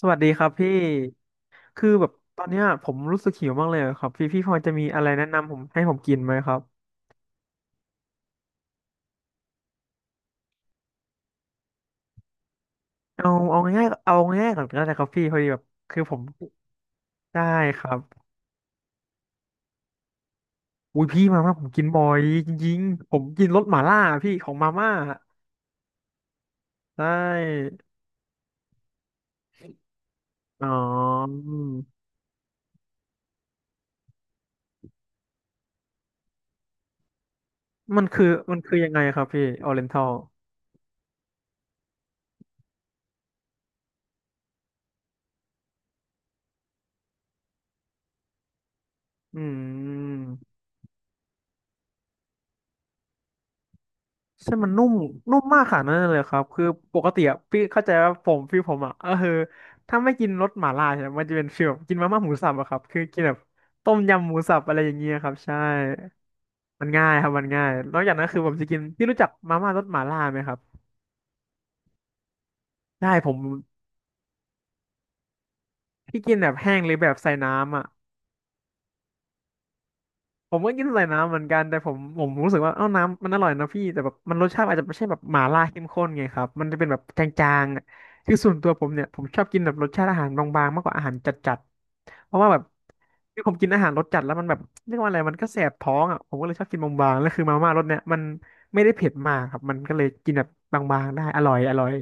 สวัสดีครับพี่คือแบบตอนเนี้ยผมรู้สึกหิวมากเลยอะครับพี่พอจะมีอะไรแนะนำให้ผมกินไหมครับ เอาง่ายก่อนก็ได้ครับพี่พอดีแบบคือผมได้ครับอุ้ยพี่มาม่าผมกินบ่อยจริงๆผมกินรสหม่าล่าพี่ของมาม่าได้อ๋อมันคือมันคือยังไงครับพี่ออเรนทัลอืม ใช่มันนุ่มนุ่มมากขนาดนั้นเลยครับคือปกติอะพี่เข้าใจว่าผมอ่ะก็คือถ้าไม่กินรสหม่าล่าเนี่ยมันจะเป็นฟีลแบบกินมาม่าหมูสับอะครับคือกินแบบต้มยำหมูสับอะไรอย่างเงี้ยครับใช่มันง่ายครับมันง่ายนอกจากนั้นคือผมจะกินพี่รู้จักมาม่ารสหม่าล่าไหมครับได้ผมพี่กินแบบแห้งหรือแบบใส่น้ำอ่ะ ผมก็กินใส่น้ำเหมือนกัน แต่ผมรู้สึกว่าเอ้าน้ำมันอร่อยนะพี่แต่แบบมันรสชาติอาจจะไม่ใช่แบบหม่าล่าเข้มข้นไงครับมันจะเป็นแบบจางๆอะคือส่วนตัวผมเนี่ยผมชอบกินแบบรสชาติอาหารบางๆมากกว่าอาหารจัดๆ เพราะว่าแบบคือผมกินอาหารรสจัดแล้วมันแบบเรียกว่าอะไรมันก็แสบท้องอ่ะผมก็เลยชอบกินบางๆแล้วคือมาม่ารสเนี่ยมันไม่ได้เผ็ดมากครับมันก็เลยกินแบบบางๆได้อร่อยอร่อย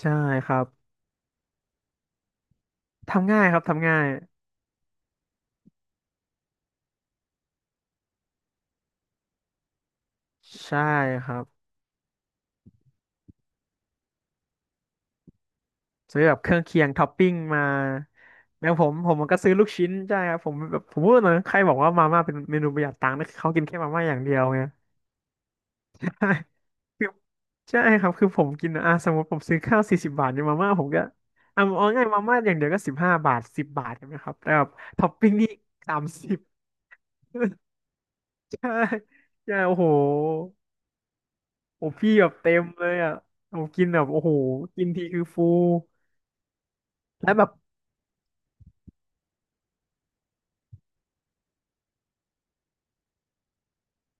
ใช่ครับทำง่ายครับทำง่ายใช่ครับ ซื้อแบบเครื่องเคียงท็อปปิ้งมาแล้วผมมันก็ซื้อลูกชิ้นใช่ครับผมแบบผมพูดนะใครบอกว่ามาม่าเป็นเมนูประหยัดตังค์นะเขากินแค่มาม่าอย่างเดียวไง ใช่คือใช่ครับคือผมกินอ่ะสมมติผมซื้อข้าว40 บาทเนี่ยมาม่าผมก็เอาง่ายมาม่าอย่างเดียวก็15 บาทสิบบาทใช่ไหมครับแต่แบบท็อปปิ้งนี่30 ใช่ใช่โอ้โหโอ้พี่แบบเต็มเลยอ่ะผมกินแบบโอ้โหกินทีคือฟูแล้วแบบ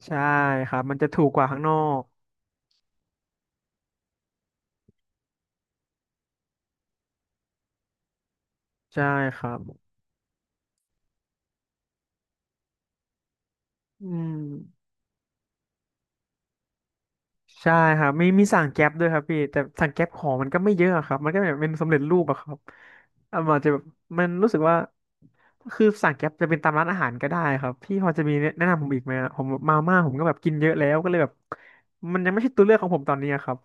ใช่ครับมันจะถูกกว่าข้างนอก ใช่ครับอืมใช่ครับมีมีสั่งแก๊ปด้วยครับพี่แต่สั่งแก๊ปของมันก็ไม่เยอะอะครับมันก็แบบเป็นสำเร็จรูปอะครับอ่ะมันอาจจะแบบมันรู้สึกว่าคือสั่งแก๊ปจะเป็นตามร้านอาหารก็ได้ครับพี่พอจะมีแนะนำผมอีกไหมอะผมมาม่าผมก็แบบกินเยอะแล้วก็เลยแบบมันยังไม่ใช่ตัวเลือกของผมตอนนี้อะครับ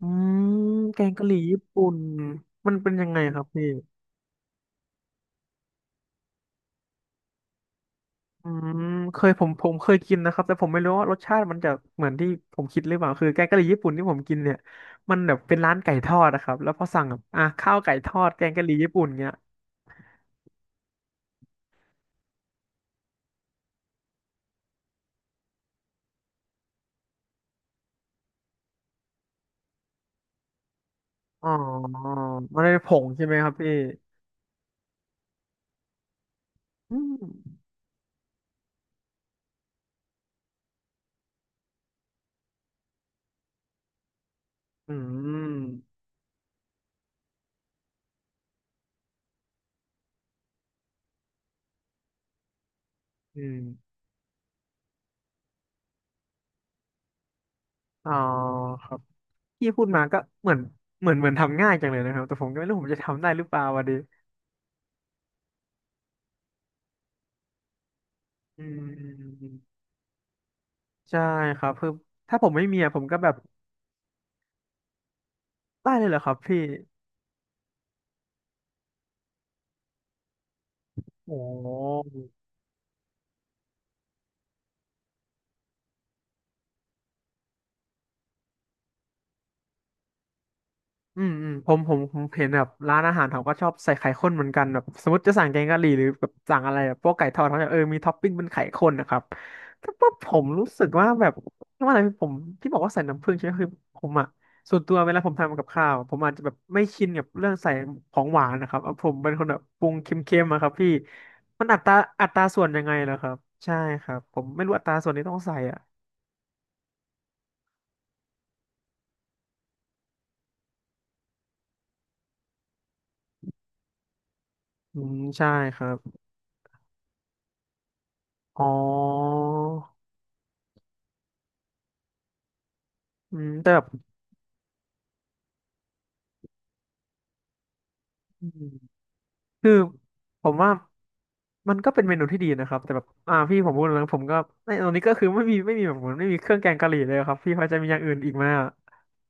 อืมแกงกะหรี่ญี่ปุ่นมันเป็นยังไงครับพี่ อืมเคยผมเคยกินนะครับแต่ผมไม่รู้ว่ารสชาติมันจะเหมือนที่ผมคิดหรือเปล่าคือแกงกะหรี่ญี่ปุ่นที่ผมกินเนี่ยมันแบบเป็นร้านไก่ทอดนะครับแล้วพอสั่งแบบอ่ะข้าวไก่ทอดแกงกะหรี่ญี่ปุ่นเงี้ยอ๋อมันเป็นผงใช่ไหมครับพี่อืมอืมอืมอ๋อครับพี่พูดมาก็เหมือนทำง่ายจังเลยนะครับแต่ผมก็ไม่รู้ผมจะทำได้หรือเปล่าวะดิอืมอืมอืมใช่ครับคือถ้าผมไม่มีอะผมก็แบบได้เลยเหรอครับพี่โอ้ อืมอืมผมเห็นแบบร้านอาหารเขาก็ชอบใส่ไข่ข้นเหมือนกันแบบสมมติจะสั่งแกงกะหรี่หรือแบบสั่งอะไรแบบพวกไก่ทอดเขาจะเออมีท็อปปิ้งเป็นไข่ข้นนะครับแต่ว่าผมรู้สึกว่าแบบว่าอะไรผมที่บอกว่าใส่น้ำผึ้งใช่ไหมคือผมอ่ะส่วนตัวเวลาผมทำกับข้าวผมอาจจะแบบไม่ชินกับเรื่องใส่ของหวานนะครับเอาผมเป็นคนแบบปรุงเค็มๆอะครับพี่มันอัตราส่วนยังไงเหรอครับใช่ครับผมไม่รู้อัตราส่วนที่ต้องใส่อ่ะอืมใช่ครับอ๋ออืมแต่แบบ คือผมว่ามันก็เป็นเมนูที่ดีนะครับแต่แบบอ่าพี่ผมพูดแล้วผมก็ในตอนนี้ก็คือไม่มีแบบเหมือนไม่มีเครื่องแกงกะหรี่เลยครับพี่พอจะมีอย่างอื่นอีกไหมอะ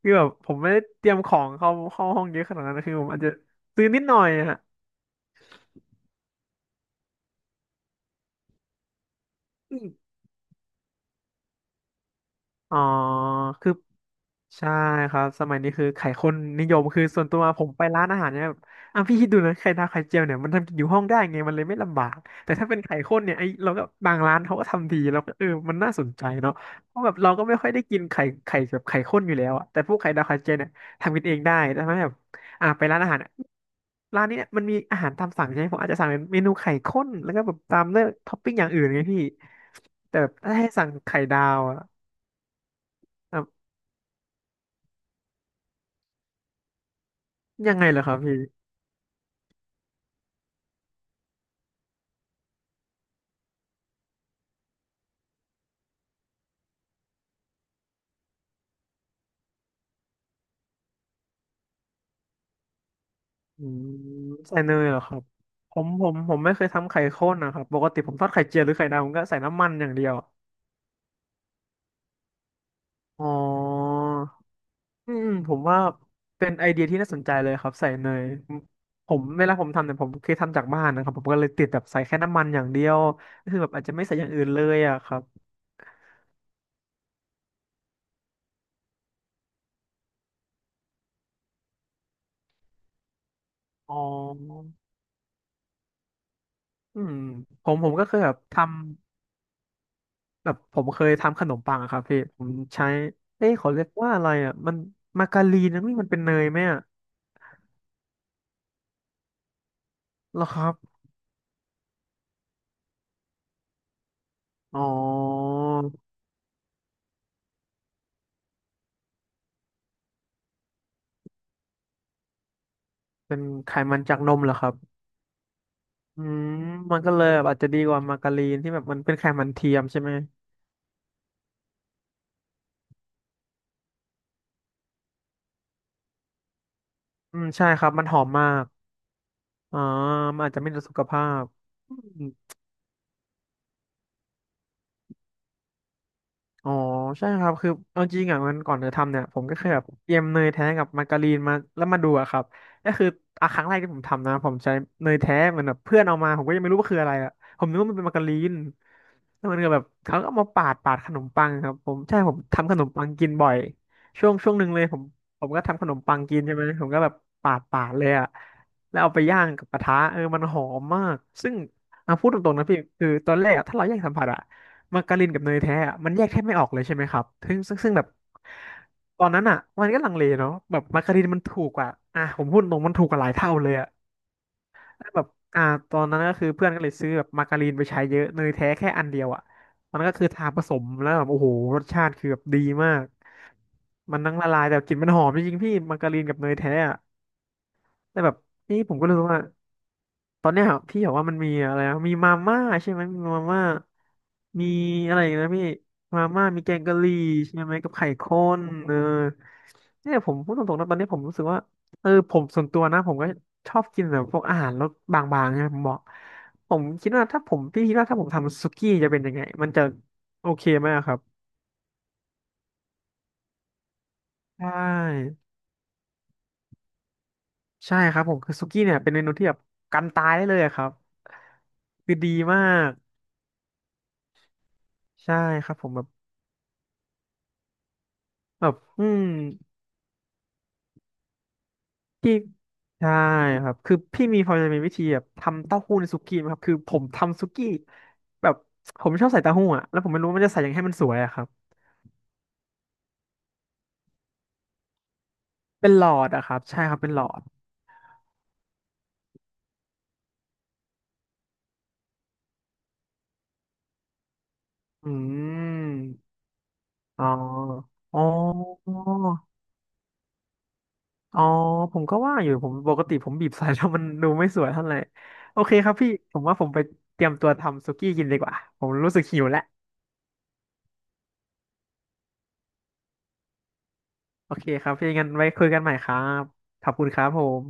คือแบบผมไม่ได้เตรียมของเข้าห้องเยอะขนาดนั้นนะคือผมอาจจะซื้อนิดหน่อยอะ อ๋อคือใช่ครับสมัยนี้คือไข่ข้นนิยมคือส่วนตัวผมไปร้านอาหารเนี่ยแบบพี่คิดดูนะไข่ดาวไข่เจียวเนี่ยมันทำกินอยู่ห้องได้ไงมันเลยไม่ลำบากแต่ถ้าเป็นไข่ข้นเนี่ยไอเราก็บางร้านเขาก็ทำดีเราก็เออมันน่าสนใจเนาะเพราะแบบเราก็ไม่ค่อยได้กินไข่แบบไข่ข้นอยู่แล้วอะแต่พวกไข่ดาวไข่เจียวเนี่ยทำกินเองได้แต่ถ้าแบบไปร้านอาหารเนี่ยร้านนี้เนี่ยมันมีอาหารตามสั่งใช่ไหมผมอาจจะสั่งเป็นเมนูไข่ข้นแล้วก็แบบตามเลือกท็อปปิ้งอย่างอื่นไงพี่แต่แบบถ้าให้สั่งไข่ดาวอะ ยังไงเหรอครับพี่อืมใส่เนยเหรอครับผมไม่เคยทำไข่ข้นนะครับปกติผมทอดไข่เจียวหรือไข่ดาวผมก็ใส่น้ำมันอย่างเดียวอ๋ออืมผมว่าเป็นไอเดียที่น่าสนใจเลยครับใส่เนยผมผมเวลาผมทำเนี่ยผมเคยทำจากบ้านนะครับผมก็เลยติดแบบใส่แค่น้ำมันอย่างเดียวก็คือแบบอาจจะไม่ใส่อย่างอื่นเลยอะครับอ๋ออืมผมก็เคยแบบทำ แบบผมเคยทำขนมปังอะครับพี่ผมใช้ เอ้ยเขาเรียกว่าอะไรอะมันมาการีนนะนี่มันเป็นเนยไหมอะเหรอครับ อ๋อเป็นไขมันจากนมเหรอครับอืมมันก็เลยแบบอาจจะดีกว่ามาการีนที่แบบมันเป็นไขมันเทียมใช่ไหมอืมใช่ครับมันหอมมากอ๋อมันอาจจะไม่ดีต่อสุขภาพอืม อ๋อใช่ครับคือเอาจริงอ่ะมันก่อนจะทำเนี่ยผมก็เคยแบบเตรียมเนยแท้กับมาการีนมาแล้วมาดูอะครับก็คืออ่ะครั้งแรกที่ผมทำนะผมใช้เนยแท้เหมือนแบบเพื่อนเอามาผมก็ยังไม่รู้ว่าคืออะไรอ่ะผมนึกว่ามันเป็นมาการีนแล้วมันก็แบบเขาก็เอามาปาดขนมปังครับผมใช่ผมทำขนมปังกินบ่อยช่วงหนึ่งเลยผมก็ทำขนมปังกินใช่ไหมผมก็แบบปาดเลยอ่ะแล้วเอาไปย่างกับกระทะเออมันหอมมากซึ่งอ่ะพูดตรงๆนะพี่คือตอนแรกอะถ้าเราแยกสัมผัสอ่ะ มาการินกับเนยแท้อะมันแยกแทบไม่ออกเลยใช่ไหมครับซึ่งแบบตอนนั้นอ่ะมันก็ลังเลเนาะแบบมาการินมันถูกกว่าอ่ะผมพูดตรงมันถูกกว่าหลายเท่าเลยอ่ะแล้วแบบอ่าตอนนั้นก็คือเพื่อนก็เลยซื้อแบบมาการินไปใช้เยอะเนยแท้แค่อันเดียวอ่ะมันก็คือทาผสมแล้วแบบโอ้โหรสชาติคือแบบดีมากมันทั้งละลายแต่กลิ่นมันหอมจริงๆพี่มาการินกับเนยแท้อะ แต่แบบนี่ผมก็รู้สึกว่าตอนเนี้ยพี่บอกว่ามันมีอะไรนะมีมาม่าใช่ไหมมีมาม่ามีอะไรอีกนะพี่มาม่ามีแกงกะหรี่ใช่ไหมกับไข่ข้นเออเนี่ยผมพูดตรงๆนะตอนนี้ผมรู้สึกว่าเออผมส่วนตัวนะผมก็ชอบกินแบบพวกอาหารรสบางๆเน่ยผมบอกผมคิดว่าถ้าผมพี่คิดว่าถ้าผมทำสุกี้จะเป็นยังไงมันจะโอเคไหมอะครับใช่ใช่ครับผมคือสุกี้เนี่ยเป็นเมนูที่แบบกันตายได้เลยอะครับคือดีมาก ใช่ครับผมแบบแบบอืมพี่ใช่ครับคือพี่มีพอจะมีวิธีแบบทำเต้าหู้ในสุกี้ไหมครับคือผมทำสุกี้แบบผมชอบใส่เต้าหู้อะแล้วผมไม่รู้ว่ามันจะใส่ยังไงให้มันสวยอะครับเป็นหลอดอะครับใช่ครับเป็นหลอดอืมอ๋ออ๋ออ๋อผมก็ว่าอยู่ผมปกติผมบีบใส่แล้วมันดูไม่สวยเท่าไหร่โอเคครับพี่ผมว่าผมไปเตรียมตัวทำสุกี้กินดีกว่าผมรู้สึกหิวแล้วโอเคครับพี่งั้นไว้คุยกันใหม่ครับขอบคุณครับผม